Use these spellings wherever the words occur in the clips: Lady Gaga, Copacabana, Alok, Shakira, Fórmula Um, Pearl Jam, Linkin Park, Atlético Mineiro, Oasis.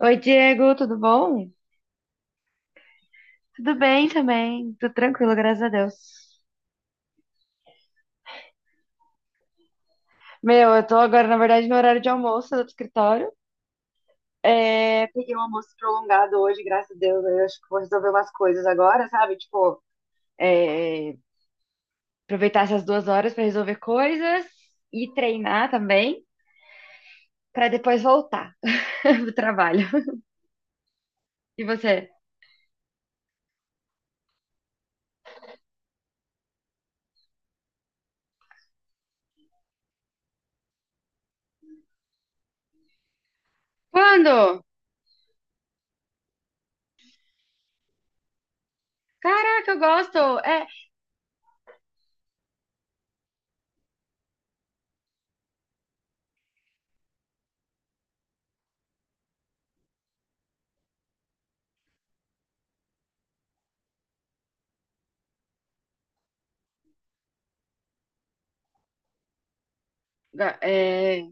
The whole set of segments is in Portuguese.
Oi, Diego, tudo bom? Tudo bem também, tudo tranquilo, graças a Deus. Meu, eu tô agora, na verdade, no horário de almoço do escritório. É, peguei um almoço prolongado hoje, graças a Deus. Eu acho que vou resolver umas coisas agora, sabe? Tipo, é, aproveitar essas 2 horas pra resolver coisas e treinar também, pra depois voltar pro trabalho. E você? Quando? Caraca, eu gosto! Ga- é,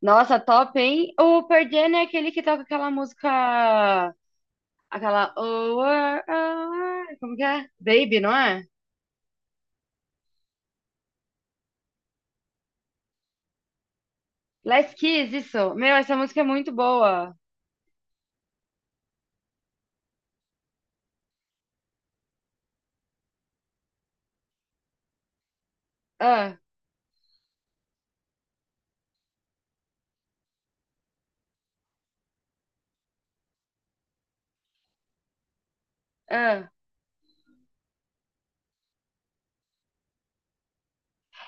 Nossa, top, hein? O Pearl Jam é aquele que toca aquela música. Aquela. Oh, oh, oh, oh, como que é? Baby, não é? Last Kiss, isso. Meu, essa música é muito boa. Ah, ah.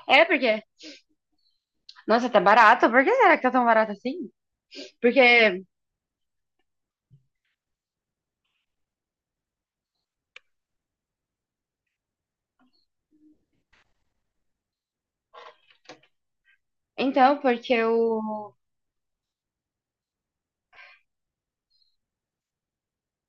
É porque. Nossa, tá barato? Por que será que tá tão barato assim? Porque. Então, porque o.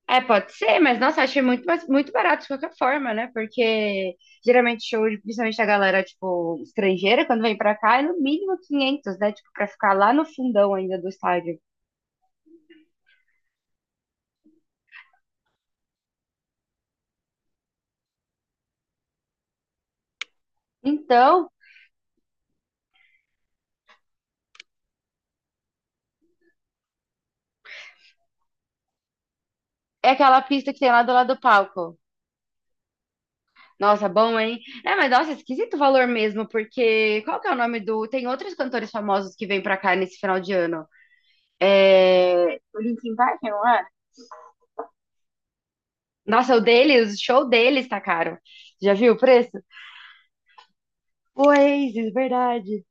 É, pode ser, mas nossa, achei muito, muito barato de qualquer forma, né? Porque geralmente show, principalmente a galera, tipo, estrangeira, quando vem pra cá, é no mínimo 500, né? Tipo, pra ficar lá no fundão ainda do estádio. Então, é aquela pista que tem lá do lado do palco. Nossa, bom, hein? É, mas nossa, é esquisito o valor mesmo, porque qual que é o nome do. Tem outros cantores famosos que vêm pra cá nesse final de ano. É. O Linkin Park, não é? Nossa, o dele, o show deles tá caro. Já viu o preço? O Oasis, verdade.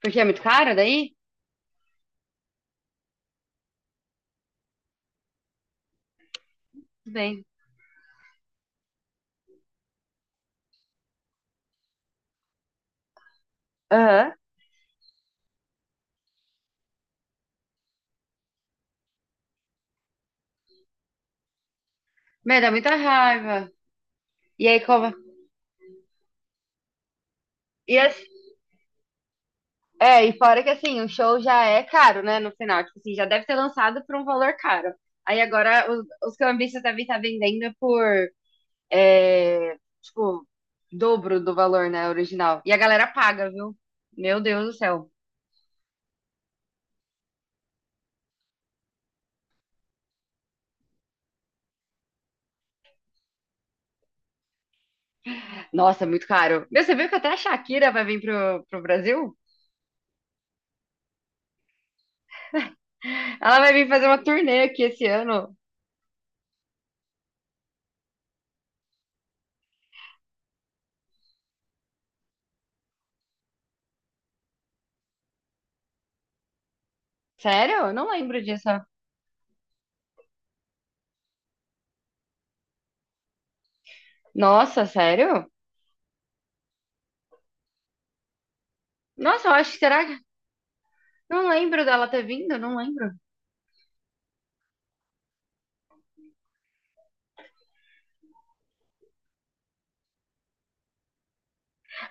Porque é muito caro daí? Tudo bem. Aham. Meu, dá muita raiva. E aí, como. E assim, é, e fora que assim, o show já é caro, né? No final, tipo assim, já deve ter lançado por um valor caro. Aí agora os cambistas devem estar vendendo por, é, tipo, dobro do valor, né? Original. E a galera paga, viu? Meu Deus do céu. Nossa, é muito caro. Meu, você viu que até a Shakira vai vir pro Brasil? Ela vai vir fazer uma turnê aqui esse ano. Sério? Eu não lembro disso. Nossa, sério? Nossa, eu acho que será que. Não lembro dela ter vindo, não lembro.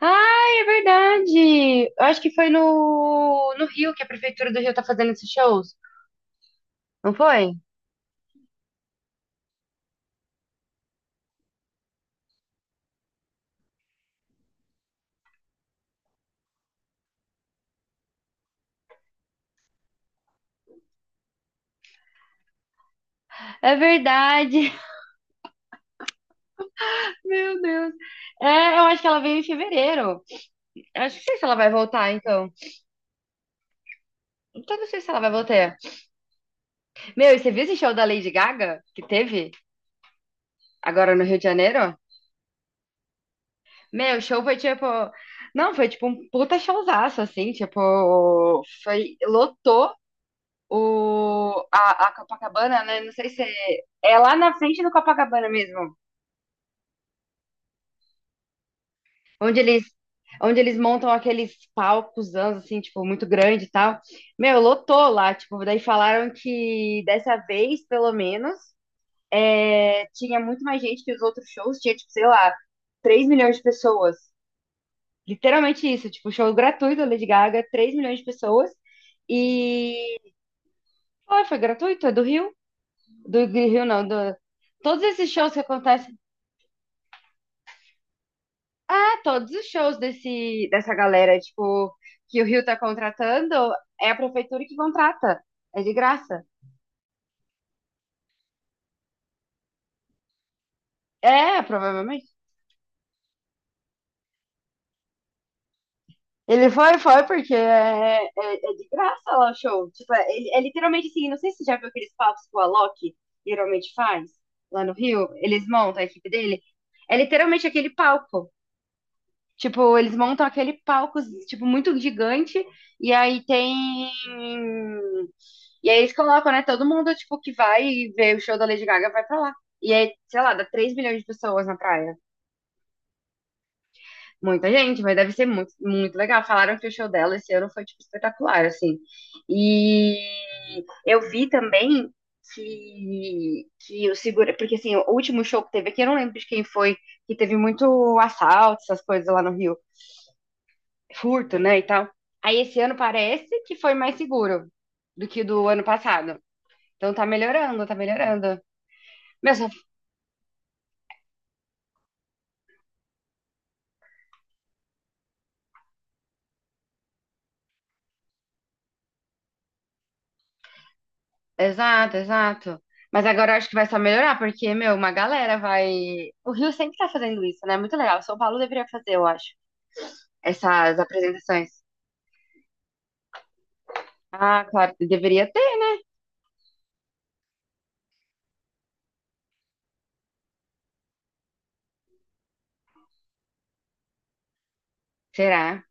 Ai, é verdade! Eu acho que foi no Rio que a Prefeitura do Rio tá fazendo esses shows, não foi? É verdade! Meu Deus! É, eu acho que ela veio em fevereiro. Eu acho que não sei se ela vai voltar, então. Então, não sei se ela vai voltar. Meu, e você viu esse show da Lady Gaga que teve agora no Rio de Janeiro? Meu, o show foi tipo. Não, foi tipo um puta showzaço, assim, tipo, foi, lotou a Copacabana, né? Não sei se é lá na frente do Copacabana mesmo, onde eles, onde eles montam aqueles palcos, assim, tipo, muito grande e tal. Meu, lotou lá, tipo, daí falaram que dessa vez, pelo menos, é, tinha muito mais gente que os outros shows, tinha, tipo, sei lá, 3 milhões de pessoas. Literalmente isso, tipo, show gratuito da Lady Gaga, 3 milhões de pessoas. E foi gratuito, é do Rio não, do, todos esses shows que acontecem todos os shows desse, dessa galera, tipo, que o Rio tá contratando, é a prefeitura que contrata. É de graça. É, provavelmente. Ele foi, porque é de graça lá o show. Tipo, é literalmente assim, não sei se você já viu aqueles palcos que o Alok geralmente faz lá no Rio. Eles montam a equipe dele. É literalmente aquele palco. Tipo, eles montam aquele palco, tipo, muito gigante, e aí tem. E aí eles colocam, né? Todo mundo, tipo, que vai ver o show da Lady Gaga vai pra lá. E aí, sei lá, dá 3 milhões de pessoas na praia. Muita gente, mas deve ser muito, muito legal. Falaram que o show dela esse ano foi, tipo, espetacular, assim. E eu vi também que o segura... Porque, assim, o último show que teve aqui, eu não lembro de quem foi, que teve muito assalto, essas coisas lá no Rio. Furto, né, e tal. Aí esse ano parece que foi mais seguro do que o do ano passado. Então tá melhorando, tá melhorando. Meu, exato, exato. Mas agora eu acho que vai só melhorar, porque, meu, uma galera vai. O Rio sempre tá fazendo isso, né? Muito legal. São Paulo deveria fazer, eu acho, essas apresentações. Ah, claro, deveria ter. Será?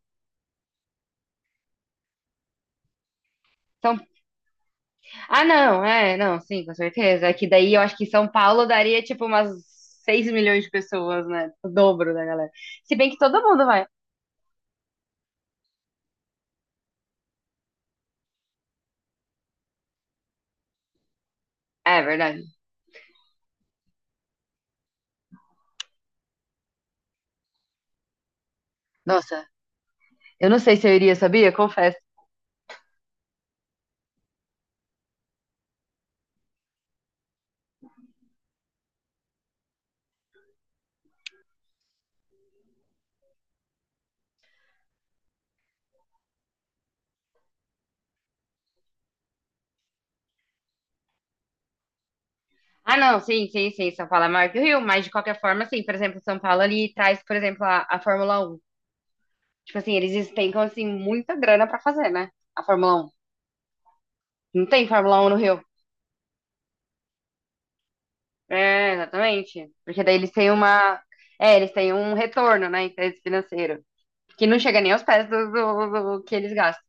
São... Ah, não, é, não, sim, com certeza. É que daí eu acho que São Paulo daria, tipo, umas 6 milhões de pessoas, né? O dobro da galera. Se bem que todo mundo vai. É verdade. Nossa, eu não sei se eu iria, sabia? Confesso. Ah, não, sim, sim, sim. São Paulo é maior que o Rio, mas de qualquer forma, assim, por exemplo, São Paulo ali traz, por exemplo, a Fórmula 1. Tipo assim, eles despencam, assim, muita grana pra fazer, né? A Fórmula 1. Não tem Fórmula 1 no Rio. É, exatamente. Porque daí eles têm uma. É, eles têm um retorno, né, em termos financeiro. Que não chega nem aos pés do, do que eles gastam.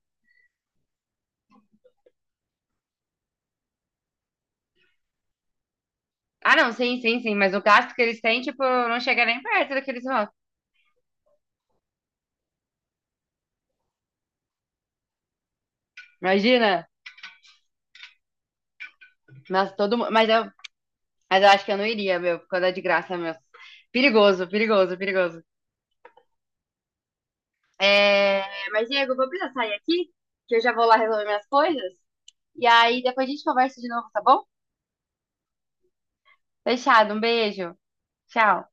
Ah, não, sim, sim, sim. Mas o gasto que eles têm, tipo, não chega nem perto do que eles gastam. Imagina. Nossa, todo mundo. Mas eu acho que eu não iria, meu, quando é de graça, meu. Perigoso, perigoso, perigoso. É, mas, Diego, eu vou precisar sair aqui, que eu já vou lá resolver minhas coisas. E aí depois a gente conversa de novo, tá bom? Fechado, um beijo. Tchau.